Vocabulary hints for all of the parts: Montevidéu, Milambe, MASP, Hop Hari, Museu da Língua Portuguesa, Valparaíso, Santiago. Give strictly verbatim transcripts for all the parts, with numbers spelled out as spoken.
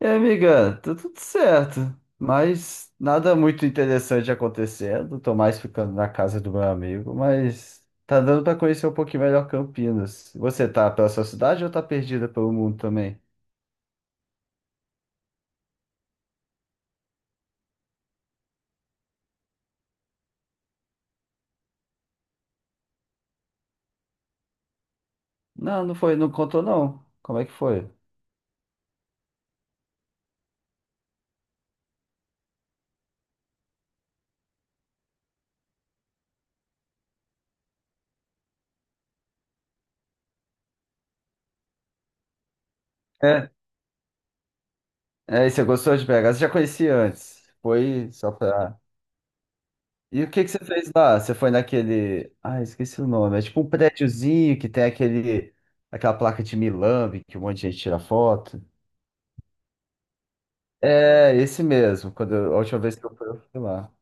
E aí, amiga, tá tudo certo, mas nada muito interessante acontecendo. Tô mais ficando na casa do meu amigo, mas tá dando pra conhecer um pouquinho melhor Campinas. Você tá pela sua cidade ou tá perdida pelo mundo também? Não, não foi, não contou não. Como é que foi? É, é, e você gostou de B H? Você já conhecia antes? Foi só pra. E o que que você fez lá? Você foi naquele. Ah, esqueci o nome. É tipo um prédiozinho que tem aquele. Aquela placa de Milambe que um monte de gente tira foto. É, esse mesmo. Quando eu- a última vez que eu fui, eu fui lá.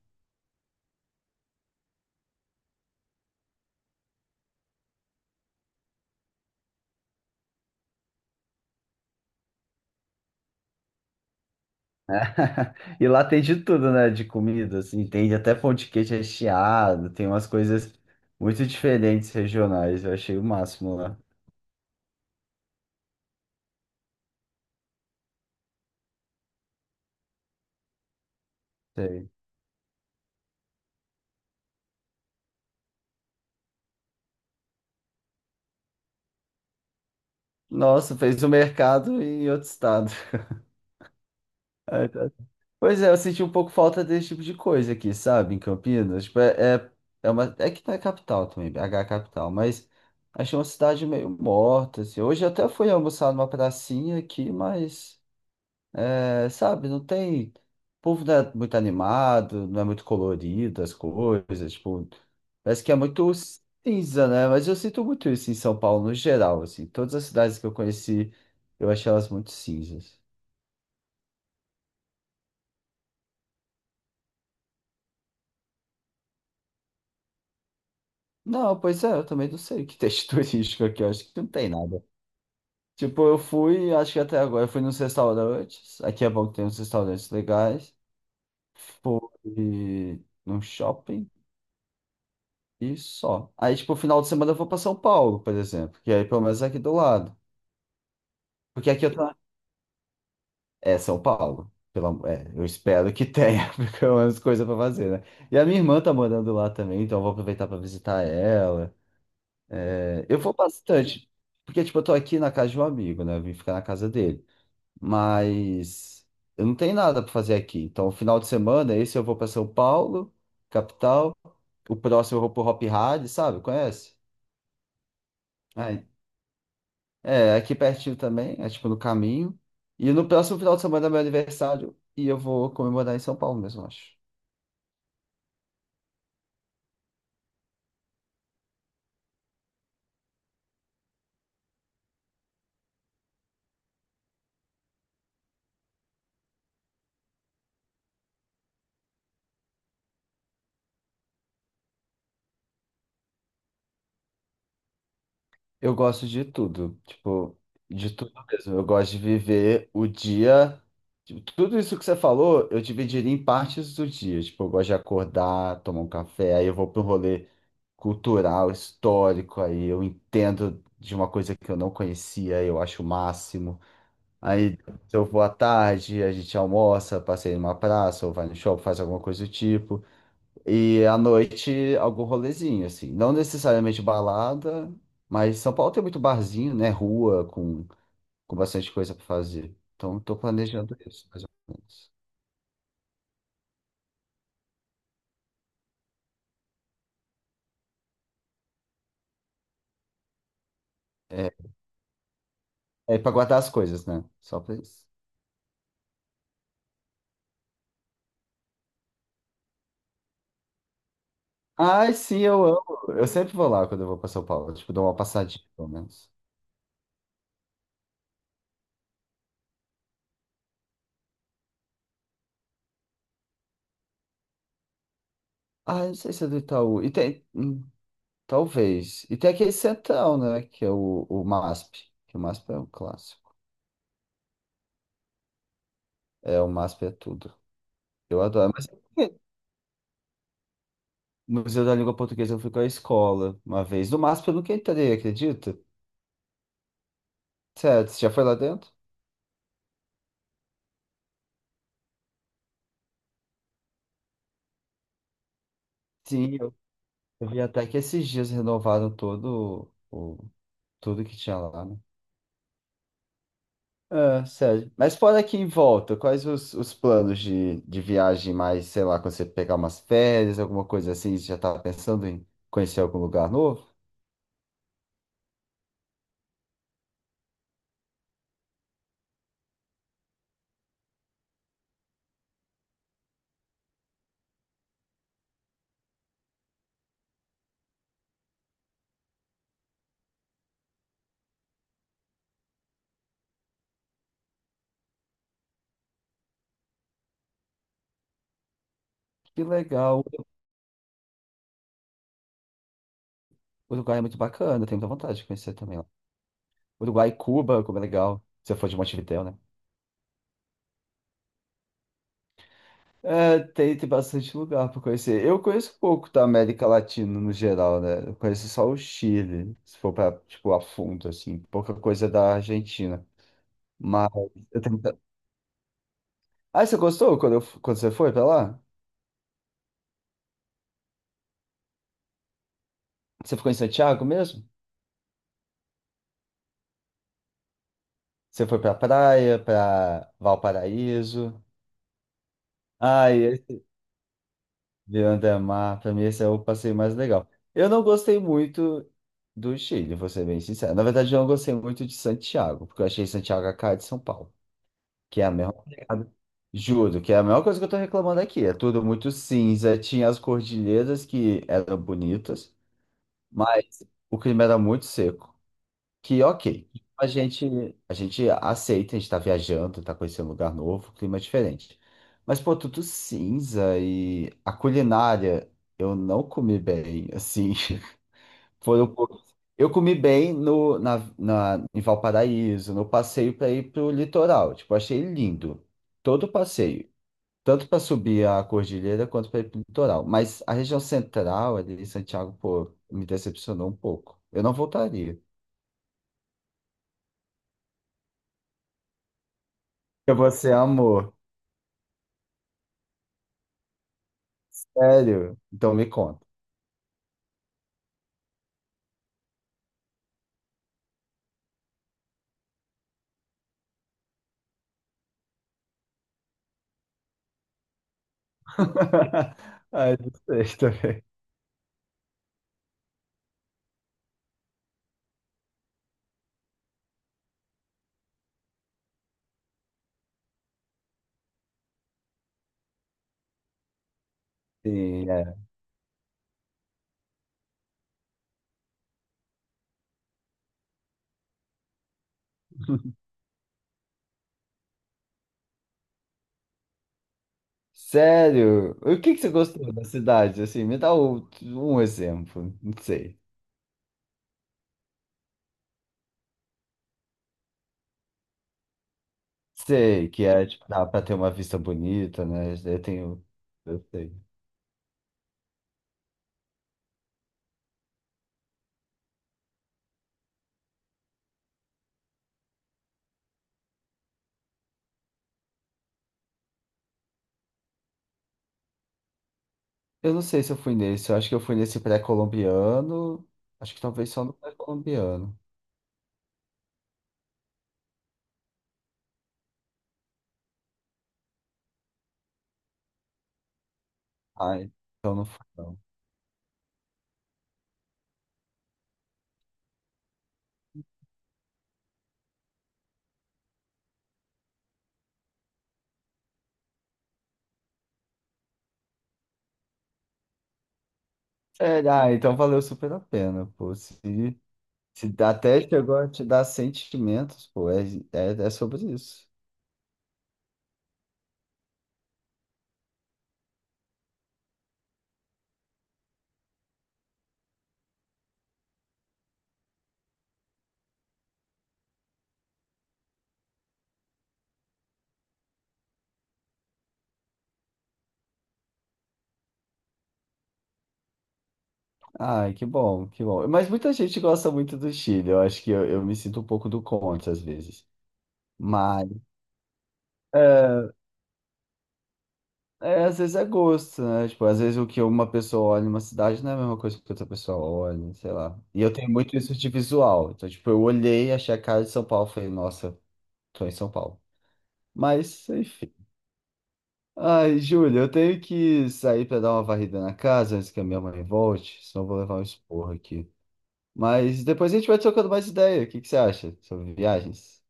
E lá tem de tudo, né? De comida, assim, tem até pão de queijo recheado, tem umas coisas muito diferentes regionais. Eu achei o máximo lá. Sei. Nossa, fez o mercado em outro estado. Ai, tá. Pois é, eu senti um pouco falta desse tipo de coisa aqui, sabe? Em Campinas. Tipo, é, é, é uma, é que tá capital também, B H é capital, mas achei uma cidade meio morta, assim. Hoje eu até fui almoçar numa pracinha aqui, mas. É, sabe, não tem. O povo não é muito animado, não é muito colorido as coisas, tipo, parece que é muito cinza, né? Mas eu sinto muito isso em São Paulo no geral, assim. Todas as cidades que eu conheci, eu achei elas muito cinzas. Não, pois é, eu também não sei o que texto turístico aqui, eu acho que não tem nada. Tipo, eu fui, acho que até agora, eu fui nos restaurantes, aqui é bom que tem uns restaurantes legais. Fui num shopping. E só. Aí, tipo, final de semana eu vou pra São Paulo, por exemplo. Que aí pelo menos é aqui do lado. Porque aqui eu tô. É São Paulo. Pelo... am- É, eu espero que tenha, pelo menos coisa pra fazer, né? E a minha irmã tá morando lá também, então eu vou aproveitar pra visitar ela. É, eu vou bastante. Porque, tipo, eu tô aqui na casa de um amigo, né? Eu vim ficar na casa dele. Mas eu não tenho nada pra fazer aqui. Então, final de semana, esse eu vou pra São Paulo, capital. O próximo eu vou pro Hop Hari, sabe? Conhece? Ah, é, aqui pertinho também, é tipo no caminho. E no próximo final de semana é meu aniversário e eu vou comemorar em São Paulo mesmo, eu acho. Eu gosto de tudo, tipo, de tudo mesmo. Eu gosto de viver o dia. Tipo, tudo isso que você falou, eu dividiria em partes do dia. Tipo, eu gosto de acordar, tomar um café, aí eu vou para um rolê cultural, histórico, aí eu entendo de uma coisa que eu não conhecia, eu acho o máximo. Aí, se eu vou à tarde, a gente almoça, passeia numa praça, ou vai no shopping, faz alguma coisa do tipo. E à noite, algum rolezinho, assim. Não necessariamente balada, mas São Paulo tem muito barzinho, né? Rua, com, com bastante coisa para fazer. Então, estou planejando isso, mais ou menos. É, é para guardar as coisas, né? Só para isso. Ai, sim, eu amo. Eu sempre vou lá quando eu vou para São Paulo. Tipo, dou uma passadinha, pelo menos. Ah, eu não sei se é do Itaú. E tem. Talvez. E tem aquele centrão, né? Que é o, o MASP. Que o MASP é um clássico. É, o MASP é tudo. Eu adoro. Mas no Museu da Língua Portuguesa eu fui com a escola uma vez. No MASP eu nunca entrei, acredita? Sério, você já foi lá dentro? Sim, eu, eu vi até que esses dias renovaram todo o, tudo que tinha lá, né? É, sério. Mas fora aqui em volta, quais os, os planos de, de viagem mais, sei lá, quando você pegar umas férias, alguma coisa assim, você já tá pensando em conhecer algum lugar novo? Que legal. O Uruguai é muito bacana, eu tenho muita vontade de conhecer também lá. Uruguai e Cuba, como é legal. Se eu for de Montevidéu, né? É, tem, tem bastante lugar pra conhecer. Eu conheço pouco da América Latina no geral, né? Eu conheço só o Chile, se for pra, tipo, a fundo, assim. Pouca coisa da Argentina. Mas eu tenho... muita- Ah, você gostou quando, eu quando você foi pra lá? Você ficou em Santiago mesmo? Você foi pra praia, pra Valparaíso? Ah, Beyond the pra mim esse é o passeio mais legal. Eu não gostei muito do Chile, vou ser bem sincero. Na verdade, eu não gostei muito de Santiago, porque eu achei Santiago a cara de São Paulo, que é a mesma pegada. Juro, que é a mesma coisa que eu tô reclamando aqui. É tudo muito cinza, tinha as cordilheiras que eram bonitas, mas o clima era muito seco. Que ok. A gente, a gente aceita, a gente tá viajando, tá conhecendo um lugar novo, um clima diferente. Mas, pô, tudo cinza e a culinária eu não comi bem, assim. Foi um pouco. Eu comi bem no, na, na, em Valparaíso, no passeio para ir pro litoral. Tipo, achei lindo todo o passeio. Tanto para subir a cordilheira quanto para ir pro litoral. Mas a região central ali, Santiago, pô, me decepcionou um pouco. Eu não voltaria. E você amor. Sério? Então me conta. Ai, não sei também. Sim, é. Sério? O que que você gostou da cidade? Assim, me dá o- um exemplo. Não sei. Sei que é, tipo, dá pra ter uma vista bonita, né? Eu tenho. Eu sei. Eu não sei se eu fui nesse. Eu acho que eu fui nesse pré-colombiano. Acho que talvez só no pré-colombiano. Ah, então não foi, não. Sério? Ah, então valeu super a pena, pô. Se, se até chegou a te dar sentimentos, pô, é, é, é sobre isso. Ai, que bom, que bom. Mas muita gente gosta muito do Chile. Eu acho que eu, eu me sinto um pouco do contra às vezes. Mas é, é, às vezes é gosto, né? Tipo, às vezes o que uma pessoa olha em uma cidade não é a mesma coisa que outra pessoa olha, sei lá. E eu tenho muito isso de visual. Então, tipo, eu olhei, achei a cara de São Paulo, falei, nossa, tô em São Paulo. Mas, enfim. Ai, Júlia, eu tenho que sair pra dar uma varrida na casa antes que a minha mãe volte, senão eu vou levar um esporro aqui. Mas depois a gente vai trocando mais ideia. O que que você acha sobre viagens?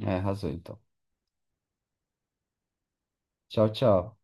É, arrasou então. Tchau, tchau.